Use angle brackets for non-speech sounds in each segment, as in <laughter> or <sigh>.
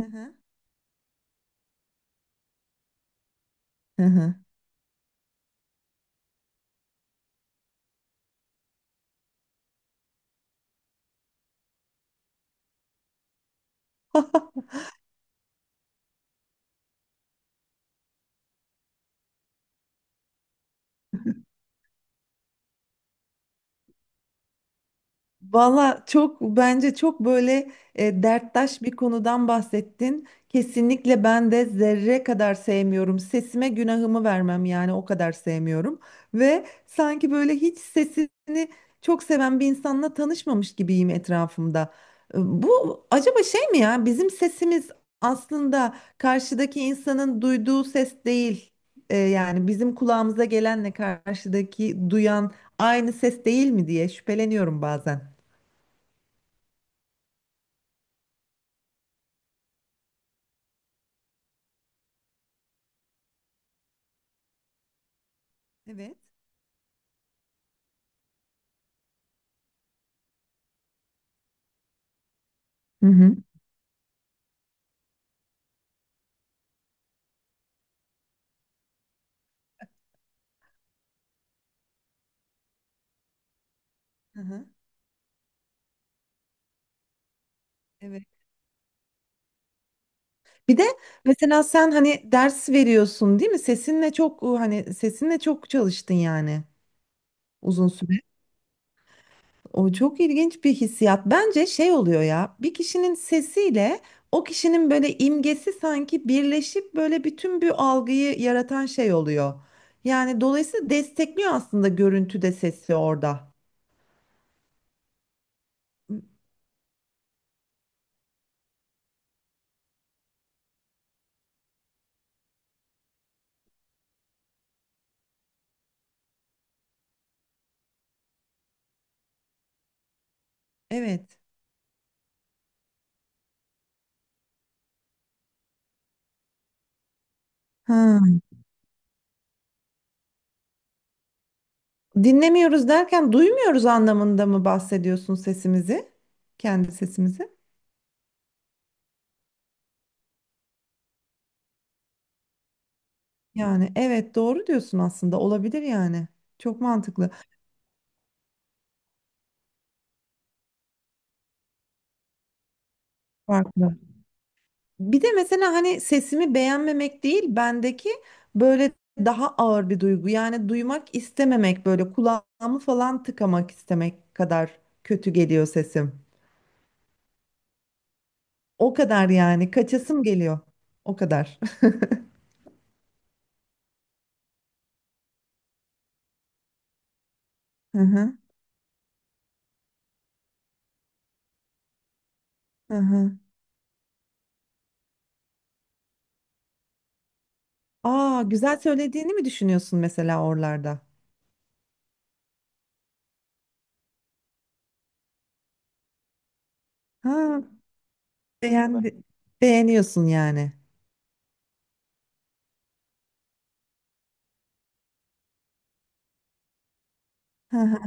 Hı hı. Hı hı. <laughs> Valla çok bence çok böyle derttaş bir konudan bahsettin. Kesinlikle ben de zerre kadar sevmiyorum. Sesime günahımı vermem yani o kadar sevmiyorum. Ve sanki böyle hiç sesini çok seven bir insanla tanışmamış gibiyim etrafımda. Bu acaba şey mi, ya bizim sesimiz aslında karşıdaki insanın duyduğu ses değil. Yani bizim kulağımıza gelenle karşıdaki duyan aynı ses değil mi diye şüpheleniyorum bazen. Evet. Hı hı. Hı hı. Evet. Bir de mesela sen hani ders veriyorsun, değil mi? Sesinle çok hani sesinle çok çalıştın yani uzun süre. O çok ilginç bir hissiyat. Bence şey oluyor ya. Bir kişinin sesiyle o kişinin böyle imgesi sanki birleşip böyle bütün bir algıyı yaratan şey oluyor. Yani dolayısıyla destekliyor aslında görüntü de sesi orada. Evet. Ha. Dinlemiyoruz derken duymuyoruz anlamında mı bahsediyorsun sesimizi? Kendi sesimizi? Yani evet doğru diyorsun, aslında olabilir yani. Çok mantıklı. Farklı. Bir de mesela hani sesimi beğenmemek değil, bendeki böyle daha ağır bir duygu. Yani duymak istememek, böyle kulağımı falan tıkamak istemek kadar kötü geliyor sesim. O kadar yani, kaçasım geliyor. O kadar. <laughs> Hı hı, hı hı. Aa, güzel söylediğini mi düşünüyorsun mesela oralarda? Ha, beğendi. Beğeniyorsun yani. Hı hı.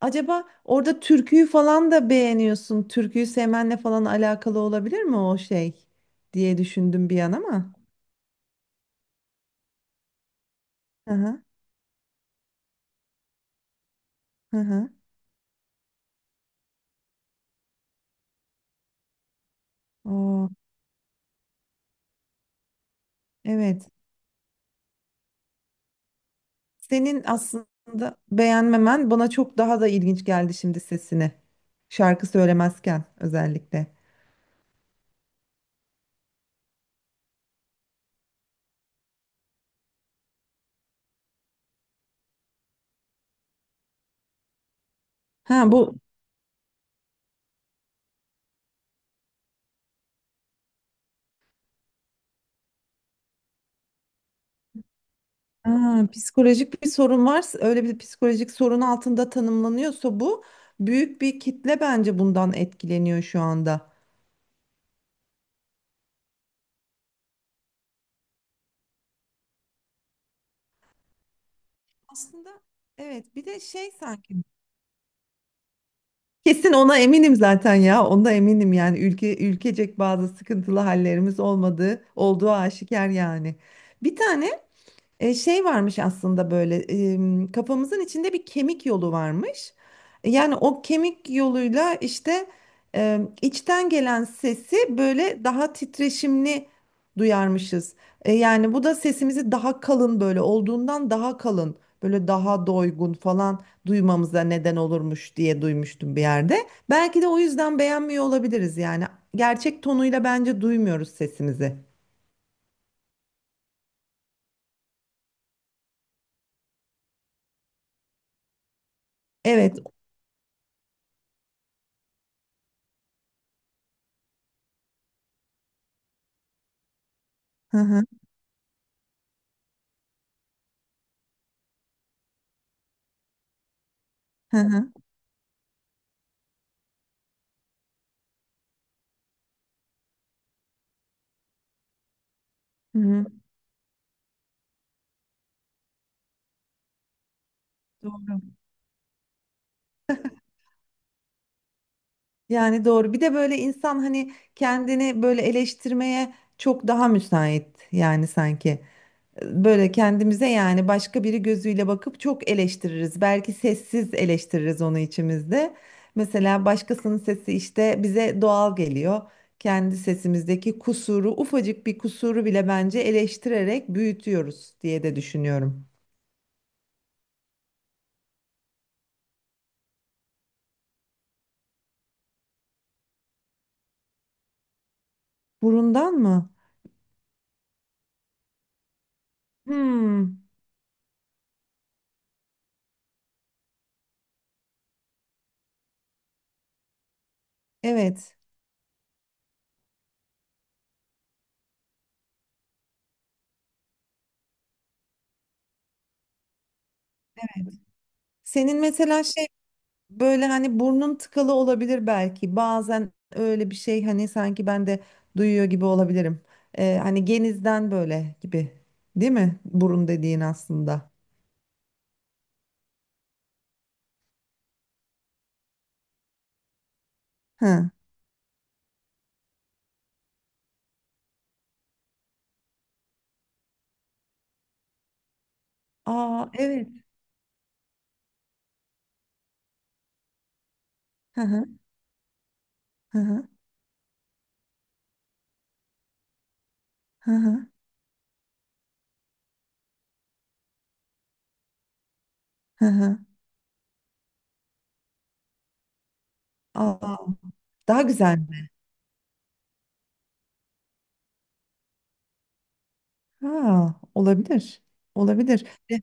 Acaba orada türküyü falan da beğeniyorsun. Türküyü sevmenle falan alakalı olabilir mi o şey diye düşündüm bir an ama. Hı hı, hı hı. Oo, evet. Senin aslında beğenmemen bana çok daha da ilginç geldi şimdi sesini. Şarkı söylemezken özellikle. Ha bu ha, psikolojik bir sorun varsa, öyle bir psikolojik sorun altında tanımlanıyorsa bu, büyük bir kitle bence bundan etkileniyor şu anda. Aslında evet, bir de şey sanki. Kesin ona eminim zaten ya. Onda eminim yani, ülke ülkecek bazı sıkıntılı hallerimiz olmadığı olduğu aşikar yani. Bir tane şey varmış aslında, böyle kafamızın içinde bir kemik yolu varmış. Yani o kemik yoluyla işte içten gelen sesi böyle daha titreşimli duyarmışız. Yani bu da sesimizi daha kalın, böyle olduğundan daha kalın, böyle daha doygun falan duymamıza neden olurmuş diye duymuştum bir yerde. Belki de o yüzden beğenmiyor olabiliriz yani. Gerçek tonuyla bence duymuyoruz sesimizi. Evet. Hı hı. Hı hı. Hı hı. Doğru. Yani doğru. Bir de böyle insan hani kendini böyle eleştirmeye çok daha müsait yani, sanki. Böyle kendimize yani başka biri gözüyle bakıp çok eleştiririz. Belki sessiz eleştiririz onu içimizde. Mesela başkasının sesi işte bize doğal geliyor. Kendi sesimizdeki kusuru, ufacık bir kusuru bile bence eleştirerek büyütüyoruz diye de düşünüyorum. Burundan mı? Hmm, evet. Senin mesela şey Böyle hani, burnun tıkalı olabilir belki. Bazen öyle bir şey hani, sanki ben de duyuyor gibi olabilirim. Hani genizden böyle gibi. Değil mi? Burun dediğin aslında. Hı. Aa, evet. Hı hı. Hı hı. Hı hı. Hı hı. Aa, daha güzel mi? Ha, olabilir. Olabilir. E,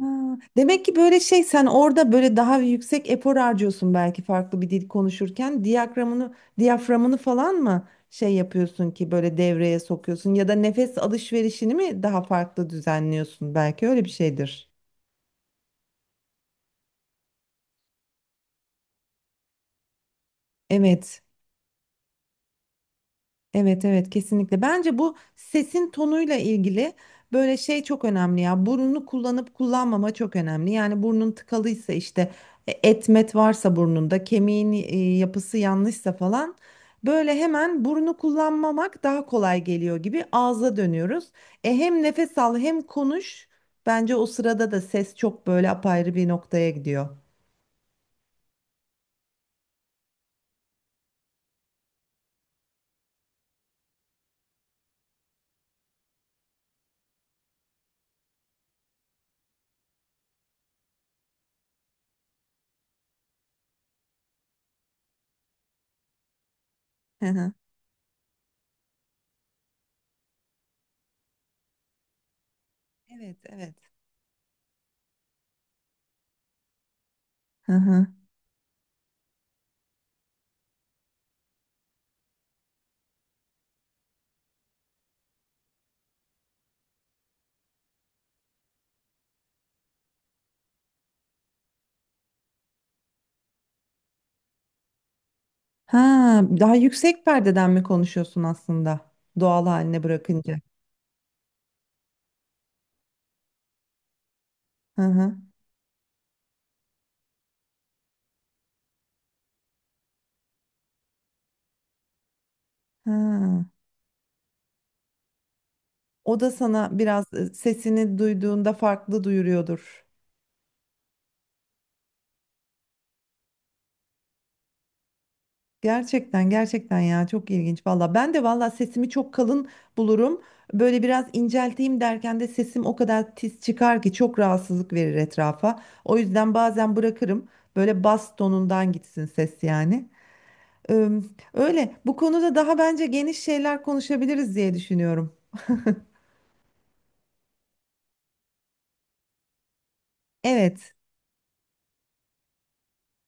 Ha, demek ki böyle şey, sen orada böyle daha yüksek efor harcıyorsun belki, farklı bir dil konuşurken diyaframını falan mı şey yapıyorsun ki böyle devreye sokuyorsun, ya da nefes alışverişini mi daha farklı düzenliyorsun, belki öyle bir şeydir. Evet. Evet, evet, kesinlikle. Bence bu sesin tonuyla ilgili böyle şey çok önemli ya. Burnunu kullanıp kullanmama çok önemli. Yani burnun tıkalıysa işte, etmet varsa burnunda, kemiğin yapısı yanlışsa falan, böyle hemen burnu kullanmamak daha kolay geliyor gibi ağza dönüyoruz. E, hem nefes al hem konuş. Bence o sırada da ses çok böyle apayrı bir noktaya gidiyor. Hı hı. Evet, evet. Hı hı. Ha, daha yüksek perdeden mi konuşuyorsun aslında? Doğal haline bırakınca. Hı hı. Ha. O da sana biraz sesini duyduğunda farklı duyuruyordur. Gerçekten, gerçekten ya, çok ilginç valla. Ben de valla sesimi çok kalın bulurum. Böyle biraz incelteyim derken de sesim o kadar tiz çıkar ki çok rahatsızlık verir etrafa. O yüzden bazen bırakırım. Böyle bas tonundan gitsin ses yani. Ee, Öyle, bu konuda daha bence geniş şeyler konuşabiliriz diye düşünüyorum. Evet,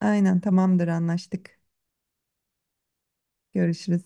aynen, tamamdır, anlaştık. Görüşürüz.